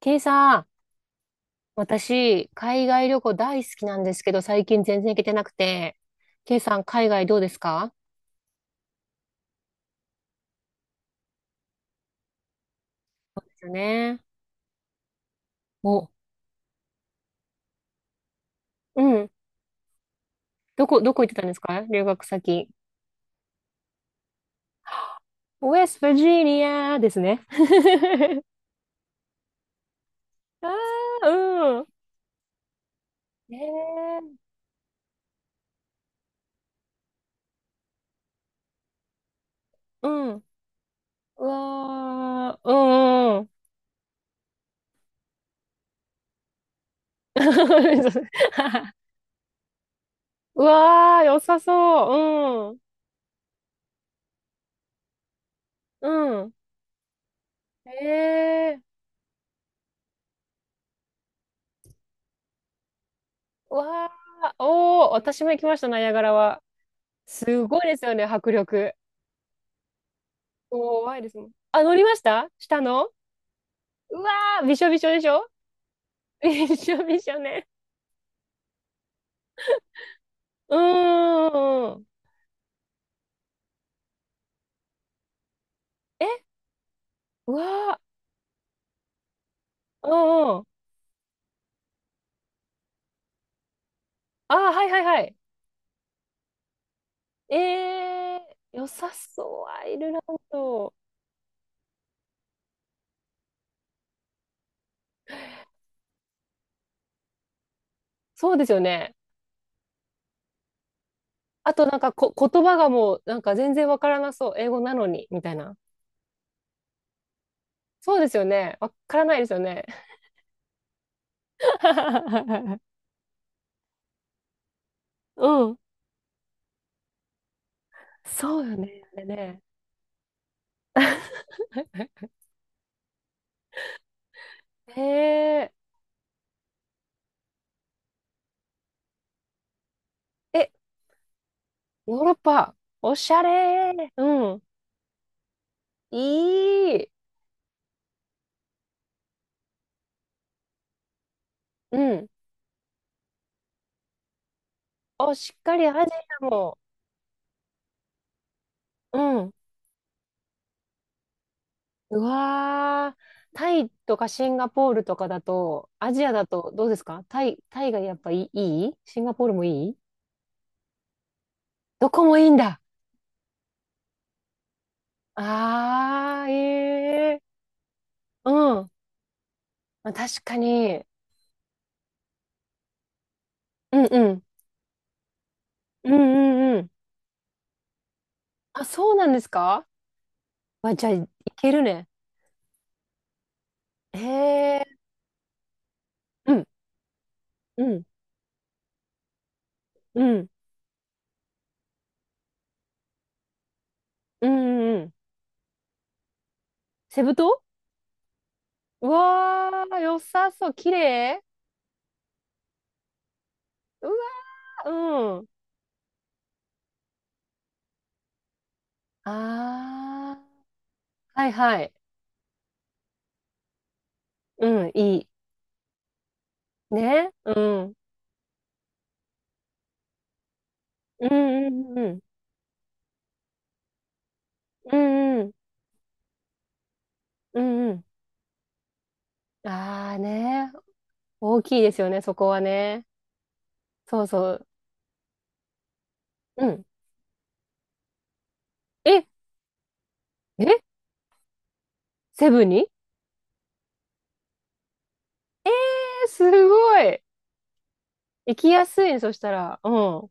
ケイさん、私、海外旅行大好きなんですけど、最近全然行けてなくて。ケイさん、海外どうですか？そうですよね。お、うん。どこ行ってたんですか留学先？ウェストバージニアですね。ああ、うん。ええ、うん。うわー、うんうん。うわー、良さそう。うん。うん。ええ、うわー、おー、私も行きました、ナイアガラは。すごいですよね、迫力。怖いですもん。あ、乗りました下の。うわー、びしょびしょでしょ？ びしょびしょね。うーん。え、うわー、うんうん。あー、はいはいはい。えー、良さそう、アイルランド。そうですよね。あとなんか言葉がもうなんか全然わからなそう。英語なのに、みたいな。そうですよね。わからないですよね。うん。そうよね。あれね。へえ。え、ヨーロッパ、おしゃれー。うん。いい。うん。お、しっかりアジアも。うん。うわー。タイとかシンガポールとかだと、アジアだとどうですか？タイがやっぱいい、シンガポールもいい？どこもいいんだ。あー、ええー。うん。まあ、確かに。うんうん。うんうんうん。あ、そうなんですか？まあ、じゃあ、いけるね。へえ。うん。うん。うん。うんうんうん。セブ島。うわー、良さそう。綺麗。うわー、うん。あー、はいはい。うん、いい。ね。うん。うんうんうん。うんうん。うんうん。あーね。大きいですよね、そこはね。そうそう。うん。え、え、セブンにすごい。行きやすいね、そしたら。うん。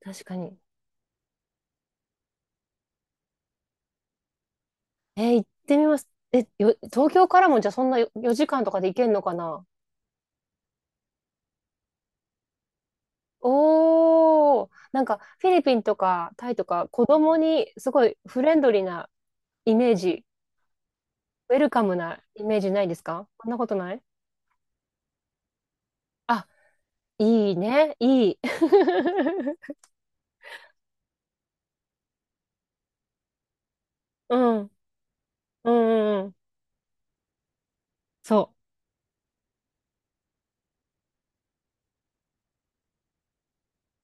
確かに。えー、行ってみます。え、東京からもじゃあそんなよ4時間とかで行けんのかな？おー、なんかフィリピンとかタイとか子供にすごいフレンドリーなイメージ、ウェルカムなイメージないですか？そんなことない？あ、いいね、いい。うん、うん、うんうん、そ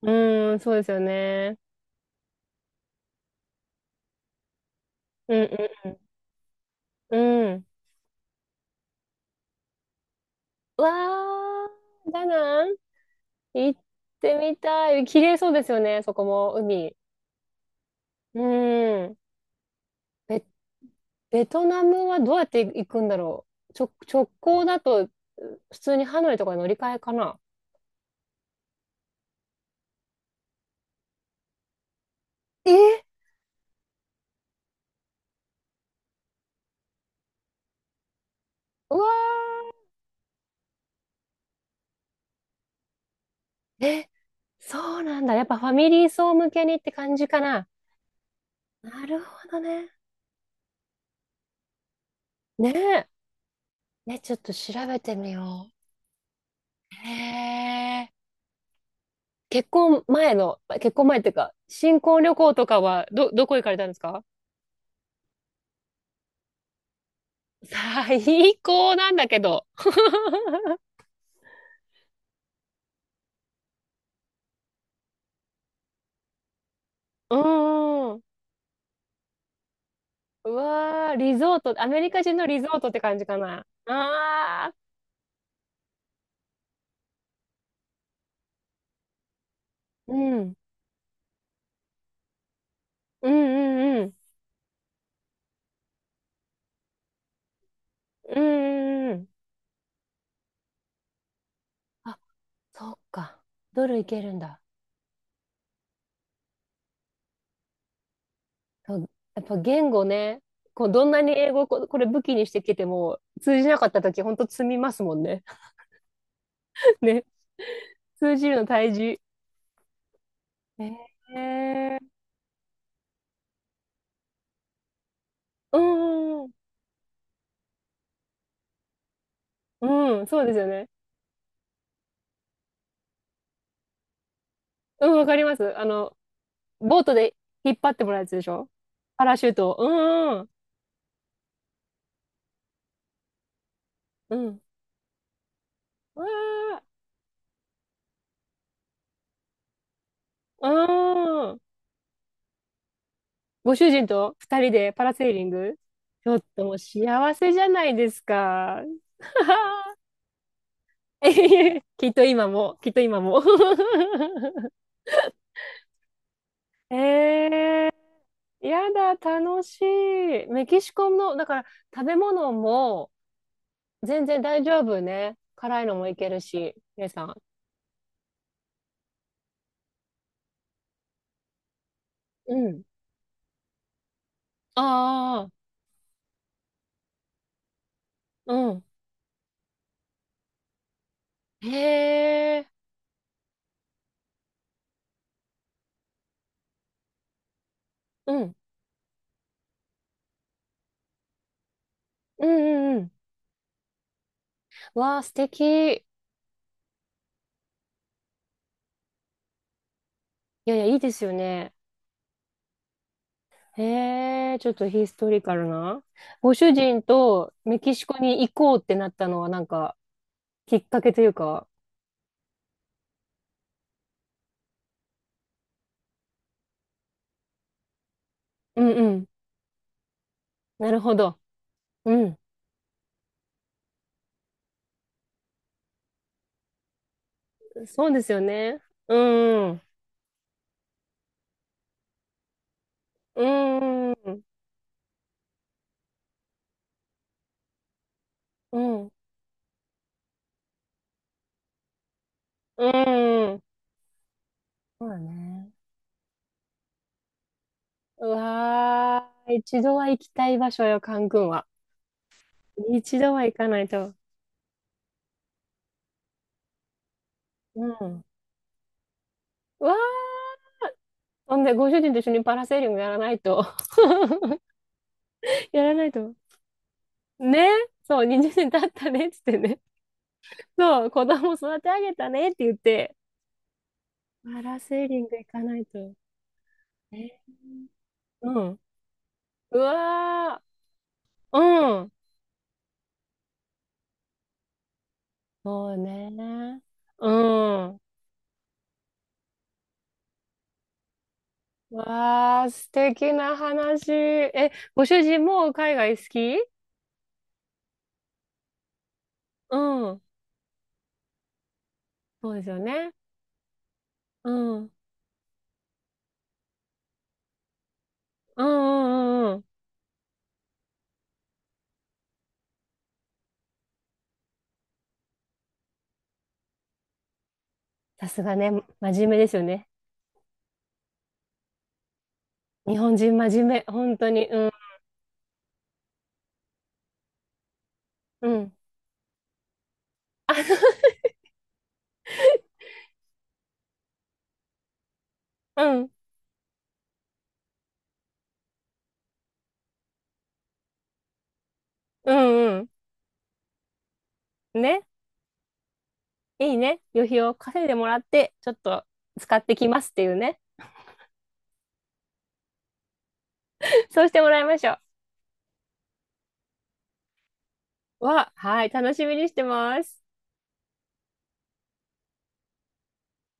う。うん、そうですよね。うん、うん、うん。うわー、ダナン、行ってみたい。綺麗そうですよね、そこも、海。うん。めっベトナムはどうやって行くんだろう。直行だと、普通にハノイとかに乗り換えかな。え、うわー、え、そうなんだ。やっぱファミリー層向けにって感じかな。なるほどね。ねえ。ね、ちょっと調べてみよう。へえ。結婚前の、結婚前っていうか、新婚旅行とかは、どこ行かれたんですか？最高なんだけど。ううん。うわー、リゾート、アメリカ人のリゾートって感じかな。ああ、うん、うんうんうん、うんうんうん。あ、そっか。ドルいけるんだ。そう、やっぱ言語ね、こうどんなに英語をこれ武器にしてきても通じなかったときほんと積みますもんね。ね、通じるの大事。えー、うんうんうん、うん、そうですよね。うん、わかります。ボートで引っ張ってもらうやつでしょ？パラシュートを。うんうんうん。うん。うわー。ああ、ご主人と二人でパラセーリング。ちょっともう幸せじゃないですか。えへへ、きっと今も、きっと今も。えー、やだ、楽しい。メキシコの、だから食べ物も全然大丈夫ね。辛いのもいけるし、皆さん。うん。ああ、うん。へえ、うん。うんうんうん。わあ、素敵。いやいや、いいですよね。へえ、ちょっとヒストリカルな。ご主人とメキシコに行こうってなったのはなんかきっかけというか。うんうん。なるほど。うん。そうですよね。うん。うん。うん。うん。うん、そうだね。うわー、一度は行きたい場所よ、カン君は。一度は行かないと。うん。うわー、ほんで、ご主人と一緒にパラセーリングやらないと。やらないと。ね、そう、20年経ったねっつってね。そう、子供育て上げたねって言って、パラセーリング行かないと。えー、うん。うわー、うん。そうね。うん。うわー、素敵な話。え、ご主人も海外好き？うん。そうですよね。うん。うんうんうん、うん。さすがね、真面目ですよね。日本人真面目、本当に。うん。うん。あ、うん。うんうん。ね。いいね。旅費を稼いでもらって、ちょっと使ってきますっていうね。そうしてもらいましょう。わ、はい、楽しみにしてます。